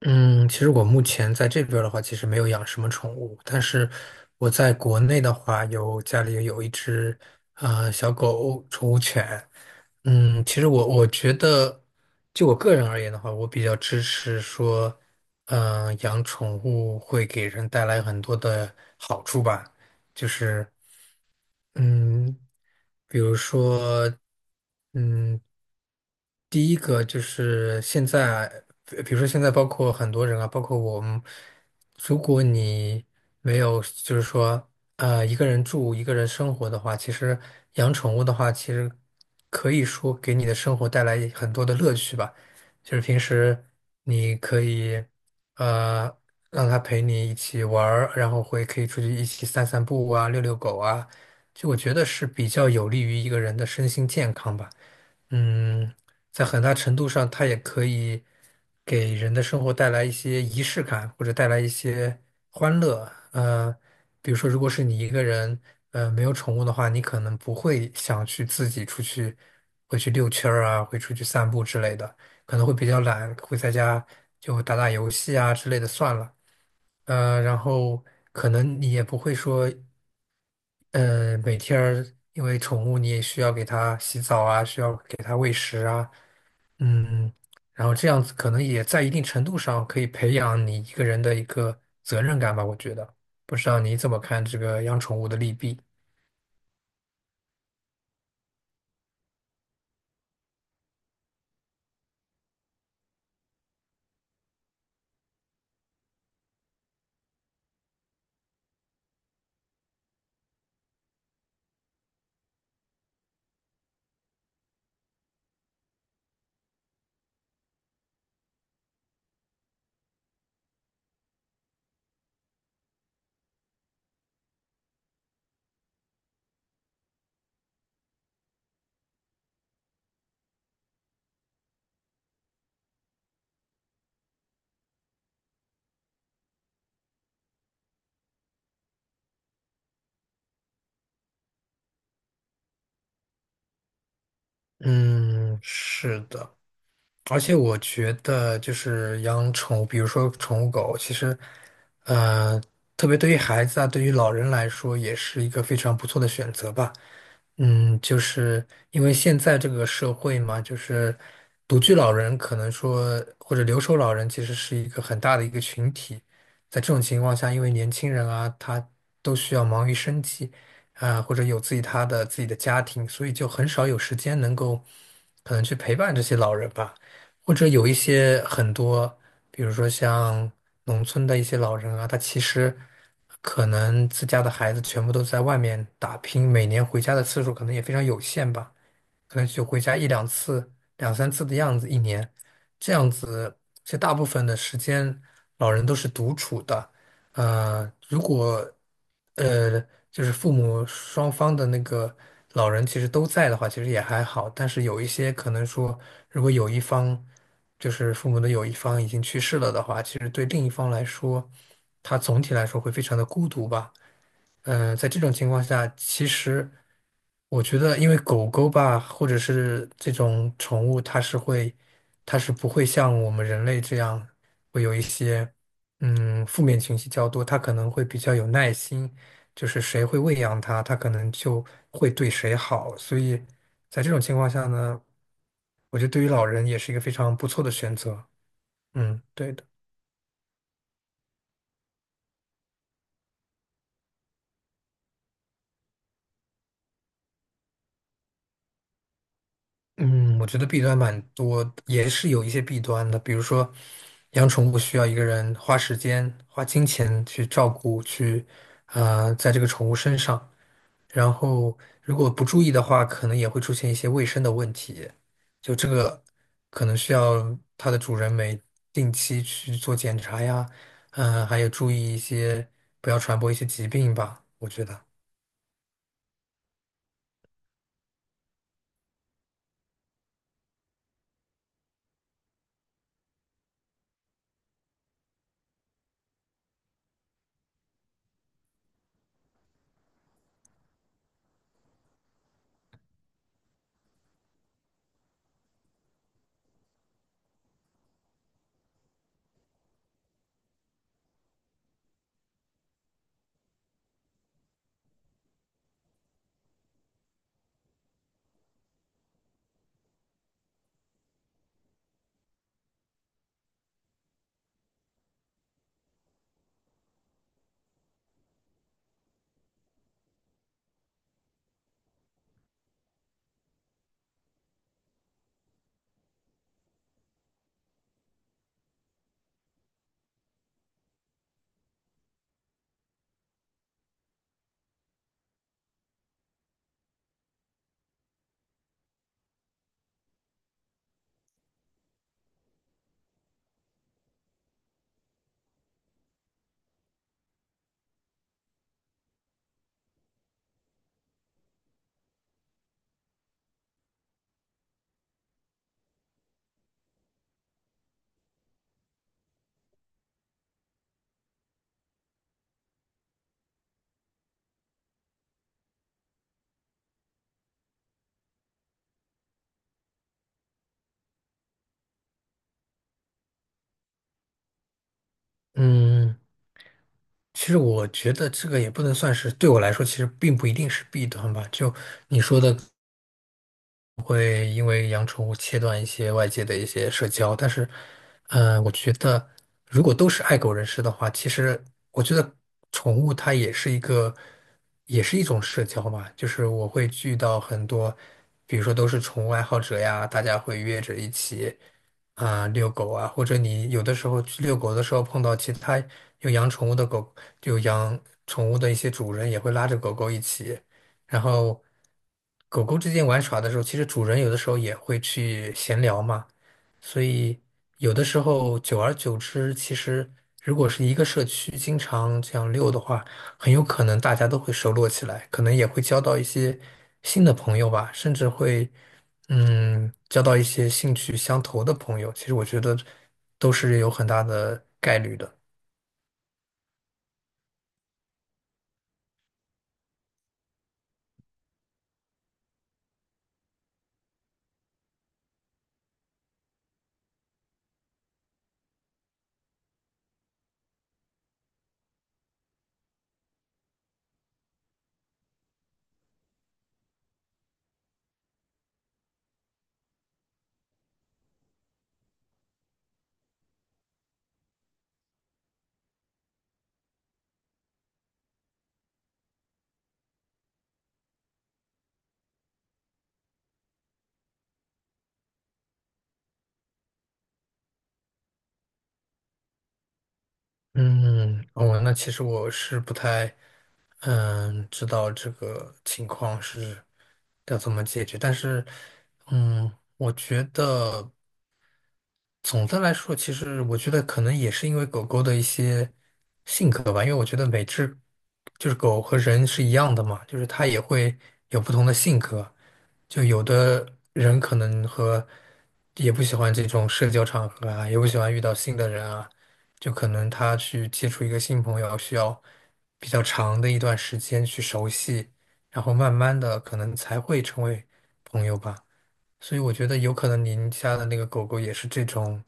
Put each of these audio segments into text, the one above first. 嗯，其实我目前在这边儿的话，其实没有养什么宠物，但是我在国内的话，有家里有一只小狗宠物犬。其实我觉得，就我个人而言的话，我比较支持说，养宠物会给人带来很多的好处吧，就是嗯，比如说。嗯，第一个就是现在，比如说现在包括很多人啊，包括我们，如果你没有就是说一个人住一个人生活的话，其实养宠物的话，其实可以说给你的生活带来很多的乐趣吧。就是平时你可以呃让它陪你一起玩儿，然后会可以出去一起散散步啊，遛遛狗啊，就我觉得是比较有利于一个人的身心健康吧。嗯，在很大程度上，它也可以给人的生活带来一些仪式感，或者带来一些欢乐。比如说，如果是你一个人，没有宠物的话，你可能不会想去自己出去，会去遛圈儿啊，会出去散步之类的，可能会比较懒，会在家就打打游戏啊之类的算了。然后可能你也不会说，每天儿因为宠物你也需要给它洗澡啊，需要给它喂食啊。嗯，然后这样子可能也在一定程度上可以培养你一个人的一个责任感吧，我觉得。不知道你怎么看这个养宠物的利弊？嗯，是的。而且我觉得，就是养宠物，比如说宠物狗，其实，呃，特别对于孩子啊，对于老人来说，也是一个非常不错的选择吧。嗯，就是因为现在这个社会嘛，就是独居老人可能说，或者留守老人，其实是一个很大的一个群体。在这种情况下，因为年轻人啊，他都需要忙于生计啊，或者有自己他的自己的家庭，所以就很少有时间能够可能去陪伴这些老人吧。或者有一些很多，比如说像农村的一些老人啊，他其实可能自家的孩子全部都在外面打拼，每年回家的次数可能也非常有限吧。可能就回家一两次、两三次的样子，一年这样子，其实大部分的时间老人都是独处的。如果呃就是父母双方的那个老人其实都在的话，其实也还好。但是有一些可能说，如果有一方就是父母的有一方已经去世了的话，其实对另一方来说，他总体来说会非常的孤独吧。在这种情况下，其实我觉得，因为狗狗吧，或者是这种宠物，它是会，它是不会像我们人类这样会有一些负面情绪较多，它可能会比较有耐心，就是谁会喂养它，它可能就会对谁好。所以在这种情况下呢，我觉得对于老人也是一个非常不错的选择。嗯，对的。嗯，我觉得弊端蛮多也是有一些弊端的。比如说，养宠物需要一个人花时间、花金钱去照顾，去啊，在这个宠物身上。然后，如果不注意的话，可能也会出现一些卫生的问题。就这个，可能需要它的主人每定期去做检查呀，还有注意一些，不要传播一些疾病吧。我觉得，嗯。其实我觉得这个也不能算是，对我来说其实并不一定是弊端吧。就你说的，会因为养宠物切断一些外界的一些社交，但是，我觉得如果都是爱狗人士的话，其实我觉得宠物它也是一个，也是一种社交嘛。就是我会遇到很多，比如说都是宠物爱好者呀，大家会约着一起啊、遛狗啊，或者你有的时候去遛狗的时候碰到其他有养宠物的狗，有养宠物的一些主人也会拉着狗狗一起。然后狗狗之间玩耍的时候，其实主人有的时候也会去闲聊嘛，所以有的时候久而久之，其实如果是一个社区经常这样遛的话，很有可能大家都会熟络起来，可能也会交到一些新的朋友吧，甚至会交到一些兴趣相投的朋友。其实我觉得都是有很大的概率的。嗯，哦，那其实我是不太，嗯，知道这个情况是要怎么解决，但是，嗯，我觉得总的来说，其实我觉得可能也是因为狗狗的一些性格吧，因为我觉得每只就是狗和人是一样的嘛，就是它也会有不同的性格，就有的人可能和也不喜欢这种社交场合啊，也不喜欢遇到新的人啊，就可能他去接触一个新朋友需要比较长的一段时间去熟悉，然后慢慢的可能才会成为朋友吧。所以我觉得有可能您家的那个狗狗也是这种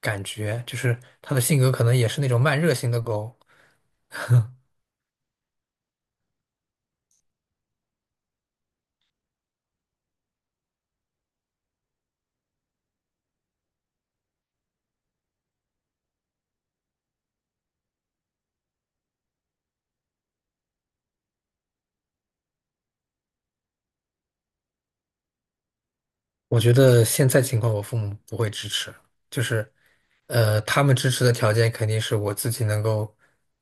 感觉，就是它的性格可能也是那种慢热型的狗。我觉得现在情况，我父母不会支持，就是，他们支持的条件肯定是我自己能够，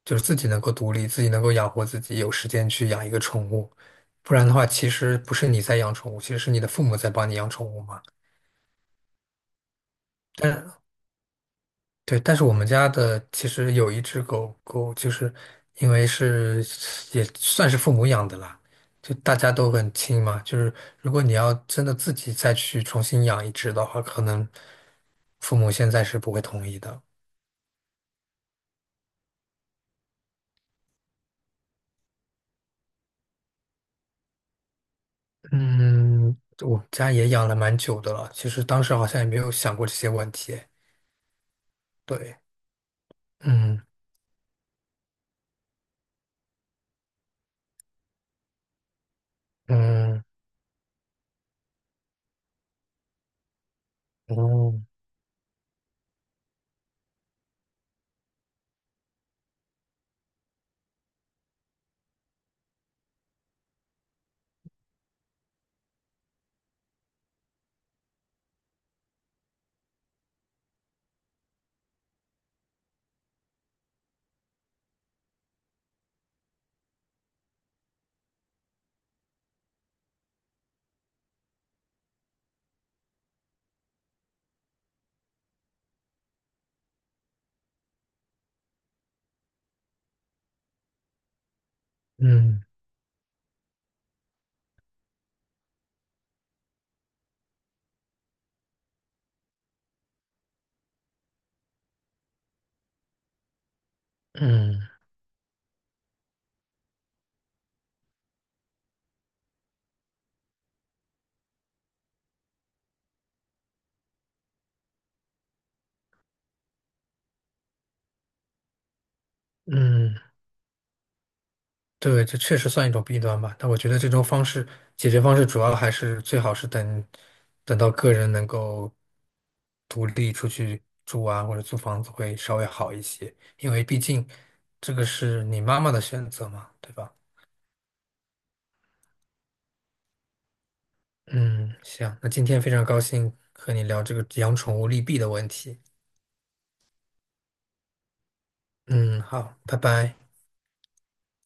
就是自己能够独立，自己能够养活自己，有时间去养一个宠物，不然的话，其实不是你在养宠物，其实是你的父母在帮你养宠物嘛。对，但是我们家的其实有一只狗狗，就是因为是也算是父母养的啦，就大家都很亲嘛。就是如果你要真的自己再去重新养一只的话，可能父母现在是不会同意的。嗯，我们家也养了蛮久的了，其实当时好像也没有想过这些问题。对，嗯嗯嗯嗯嗯嗯。对，这确实算一种弊端吧。但我觉得这种方式解决方式主要还是最好是等等到个人能够独立出去住啊，或者租房子会稍微好一些，因为毕竟这个是你妈妈的选择嘛，对吧？嗯，行，那今天非常高兴和你聊这个养宠物利弊的问题。嗯，好，拜拜。